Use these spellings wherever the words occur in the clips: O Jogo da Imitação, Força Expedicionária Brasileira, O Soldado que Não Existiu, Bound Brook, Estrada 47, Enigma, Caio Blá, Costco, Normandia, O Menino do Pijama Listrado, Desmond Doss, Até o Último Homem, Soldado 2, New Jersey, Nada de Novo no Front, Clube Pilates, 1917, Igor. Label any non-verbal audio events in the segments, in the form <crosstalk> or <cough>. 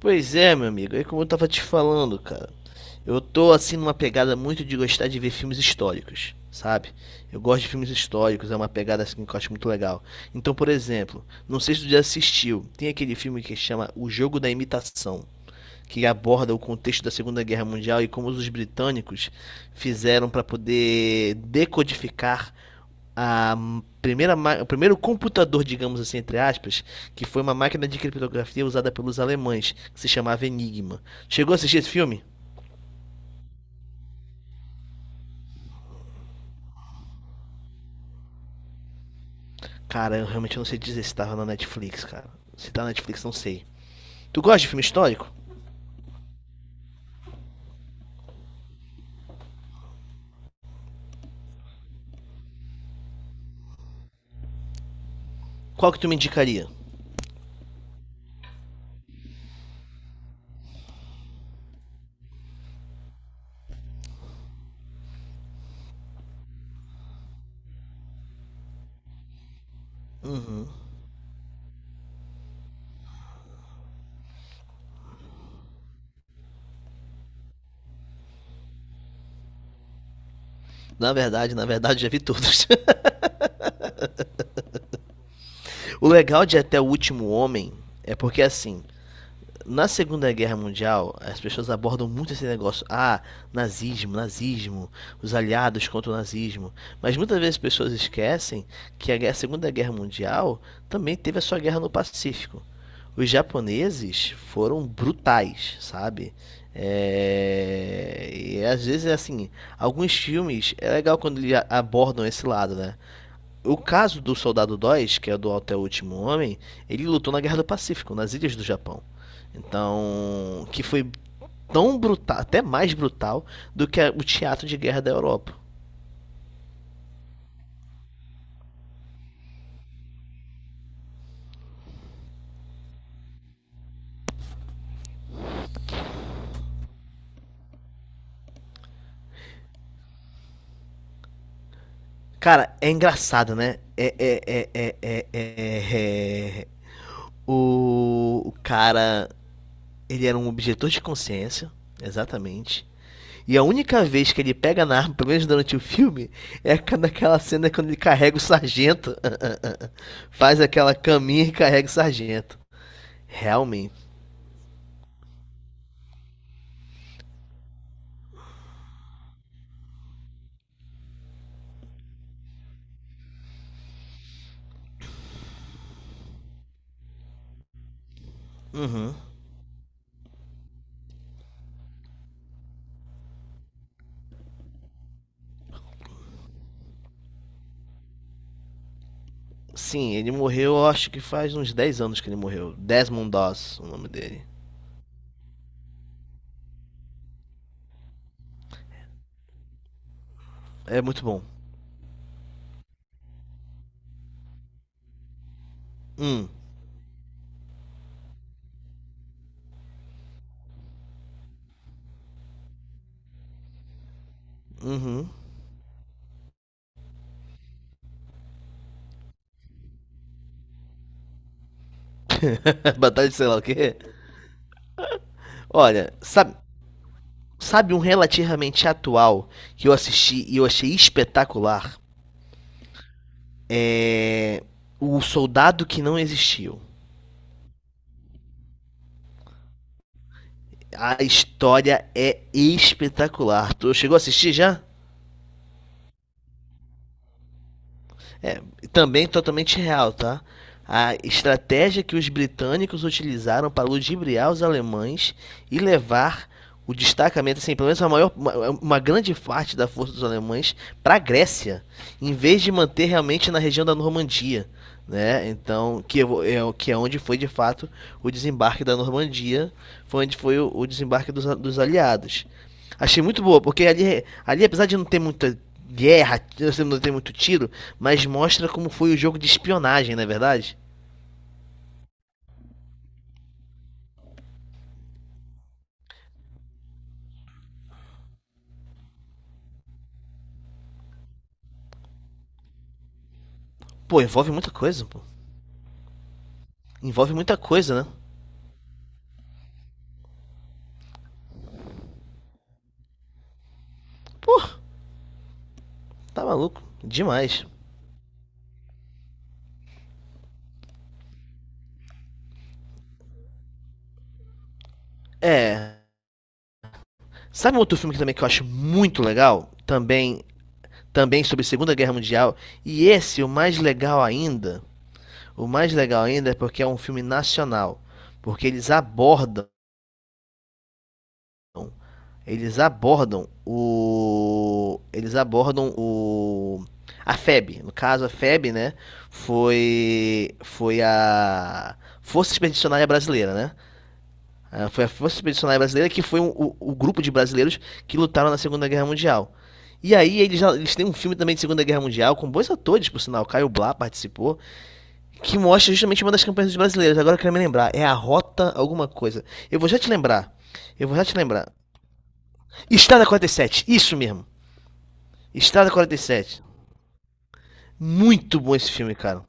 Pois é, meu amigo, é como eu tava te falando, cara. Eu tô assim numa pegada muito de gostar de ver filmes históricos, sabe? Eu gosto de filmes históricos, é uma pegada assim que eu acho muito legal. Então, por exemplo, não sei se tu já assistiu, tem aquele filme que chama O Jogo da Imitação que aborda o contexto da Segunda Guerra Mundial e como os britânicos fizeram para poder decodificar a o primeiro computador, digamos assim, entre aspas, que foi uma máquina de criptografia usada pelos alemães, que se chamava Enigma. Chegou a assistir esse filme? Cara, eu realmente não sei dizer se tava na Netflix, cara. Se tá na Netflix, não sei. Tu gosta de filme histórico? Qual que tu me indicaria? Na verdade, já vi todos. <laughs> O legal de Até o Último Homem é porque, assim, na Segunda Guerra Mundial, as pessoas abordam muito esse negócio. Ah, nazismo, nazismo, os aliados contra o nazismo. Mas muitas vezes as pessoas esquecem que a Segunda Guerra Mundial também teve a sua guerra no Pacífico. Os japoneses foram brutais, sabe? É, e às vezes é assim, alguns filmes é legal quando eles abordam esse lado, né? O caso do Soldado 2, que é do Até o Último Homem, ele lutou na Guerra do Pacífico, nas ilhas do Japão. Então, que foi tão brutal, até mais brutal do que o teatro de guerra da Europa. Cara, é engraçado, né? O cara, ele era um objetor de consciência, exatamente. E a única vez que ele pega na arma, pelo menos durante o filme, é naquela cena quando ele carrega o sargento. <laughs> Faz aquela caminha e carrega o sargento. Realmente. Uhum. Sim, ele morreu, eu acho que faz uns 10 anos que ele morreu. Desmond Doss, o nome dele. É muito bom. Hum. Uhum. <laughs> Batalha de sei lá o quê? Olha, sabe um relativamente atual que eu assisti e eu achei espetacular? É O Soldado que Não Existiu. A história é espetacular. Tu chegou a assistir já? Também totalmente real, tá? A estratégia que os britânicos utilizaram para ludibriar os alemães e levar o destacamento, assim, pelo menos a maior, uma grande parte da força dos alemães para a Grécia, em vez de manter realmente na região da Normandia, né? Então, que é, que é onde foi de fato o desembarque da Normandia, foi onde foi o desembarque dos aliados. Achei muito boa, porque ali, ali apesar de não ter muita guerra, assim, não ter muito tiro, mas mostra como foi o jogo de espionagem, não é verdade? Pô, envolve muita coisa, pô. Envolve muita coisa, né? Pô, tá maluco. Demais. É. Sabe um outro filme que também que eu acho muito legal? Também, também sobre a Segunda Guerra Mundial. E esse, o mais legal ainda, o mais legal ainda é porque é um filme nacional. Porque eles abordam Eles abordam o. A FEB. No caso, a FEB, né? Foi. Foi a. Força Expedicionária Brasileira, né? Ah, foi a Força Expedicionária Brasileira que foi o grupo de brasileiros que lutaram na Segunda Guerra Mundial. E aí eles têm um filme também de Segunda Guerra Mundial, com bons atores, por sinal, Caio Blá participou, que mostra justamente uma das campanhas dos brasileiros. Agora eu quero me lembrar, é a Rota alguma coisa. Eu vou já te lembrar. Eu vou já te lembrar. Estrada 47, isso mesmo. Estrada 47. Muito bom esse filme, cara.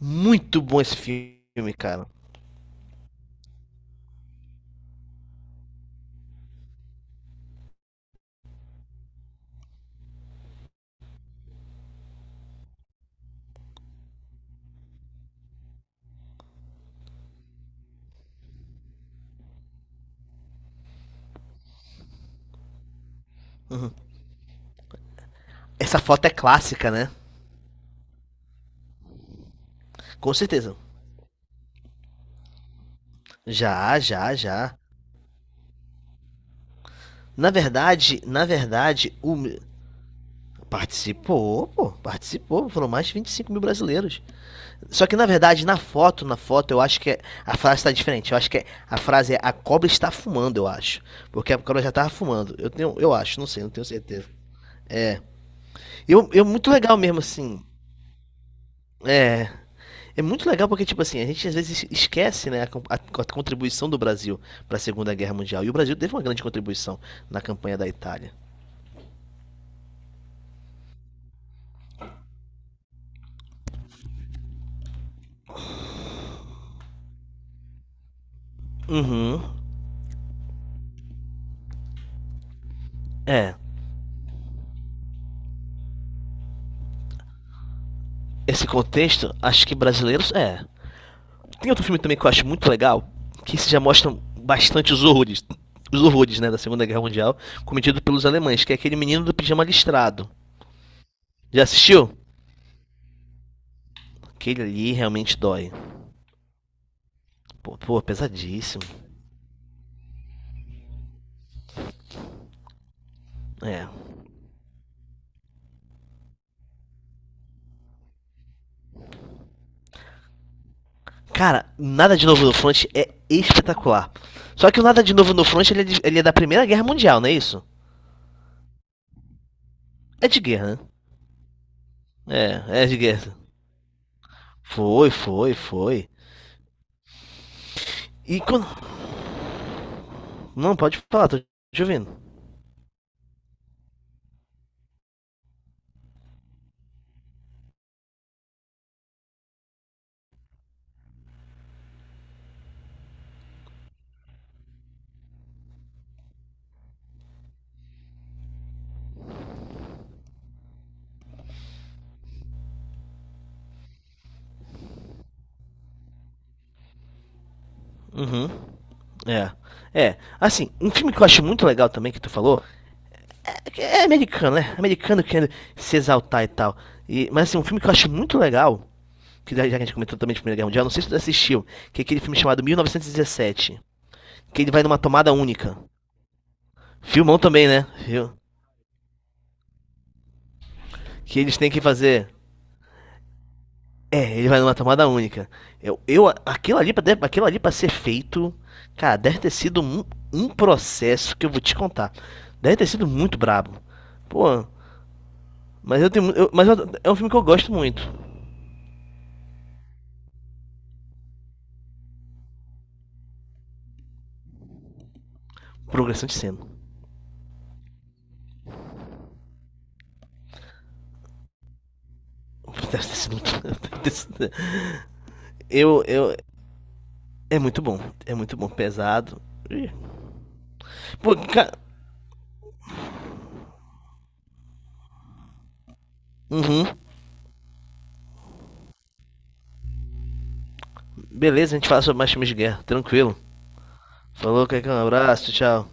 Muito bom esse filme, cara. Essa foto é clássica, né? Com certeza. Já, já, já. Na verdade, o. Participou, pô, participou. Foram mais de 25 mil brasileiros. Só que na verdade, na foto, eu acho que a frase tá diferente. Eu acho que a frase é a cobra está fumando, eu acho. Porque a cobra já tava fumando. Eu tenho, eu acho, não sei, não tenho certeza. Eu muito legal mesmo, assim. É, É muito legal porque, tipo assim, a gente às vezes esquece, né, a contribuição do Brasil para a Segunda Guerra Mundial. E o Brasil teve uma grande contribuição na campanha da Itália. Uhum. É. Esse contexto, acho que brasileiros. É. Tem outro filme também que eu acho muito legal, que esse já mostra bastante os horrores. Os horrores, né, da Segunda Guerra Mundial, cometido pelos alemães, que é aquele menino do pijama listrado. Já assistiu? Aquele ali realmente dói. Pô, pô pesadíssimo. É. Cara, Nada de Novo no Front é espetacular. Só que o Nada de Novo no Front ele é da Primeira Guerra Mundial, não é isso? É de guerra, né? É de guerra. Foi, foi, foi. E quando. Não, pode falar, tô te ouvindo. Uhum. É. É. Assim, um filme que eu acho muito legal também que tu falou. É, que é americano, né? Americano querendo se exaltar e tal. E, mas assim, um filme que eu acho muito legal. Que já que a gente comentou também de Primeira Guerra Mundial, não sei se tu assistiu, que é aquele filme chamado 1917. Que ele vai numa tomada única. Filmão também, né? Viu? Que eles têm que fazer. É, ele vai numa tomada única. Aquilo ali pra ser feito, cara, deve ter sido um processo que eu vou te contar. Deve ter sido muito brabo. Pô, mas eu tenho, mu- eu- mas eu- é um filme que eu gosto muito. Progressão de cena. <laughs> Deve ter sido muito, <laughs> deve ter sido- eu, é muito bom, é muito bom, pesado. Ih. Pô, cara, uhum, beleza, a gente fala sobre mais filmes de guerra, tranquilo. Falou, Caicão, abraço, tchau.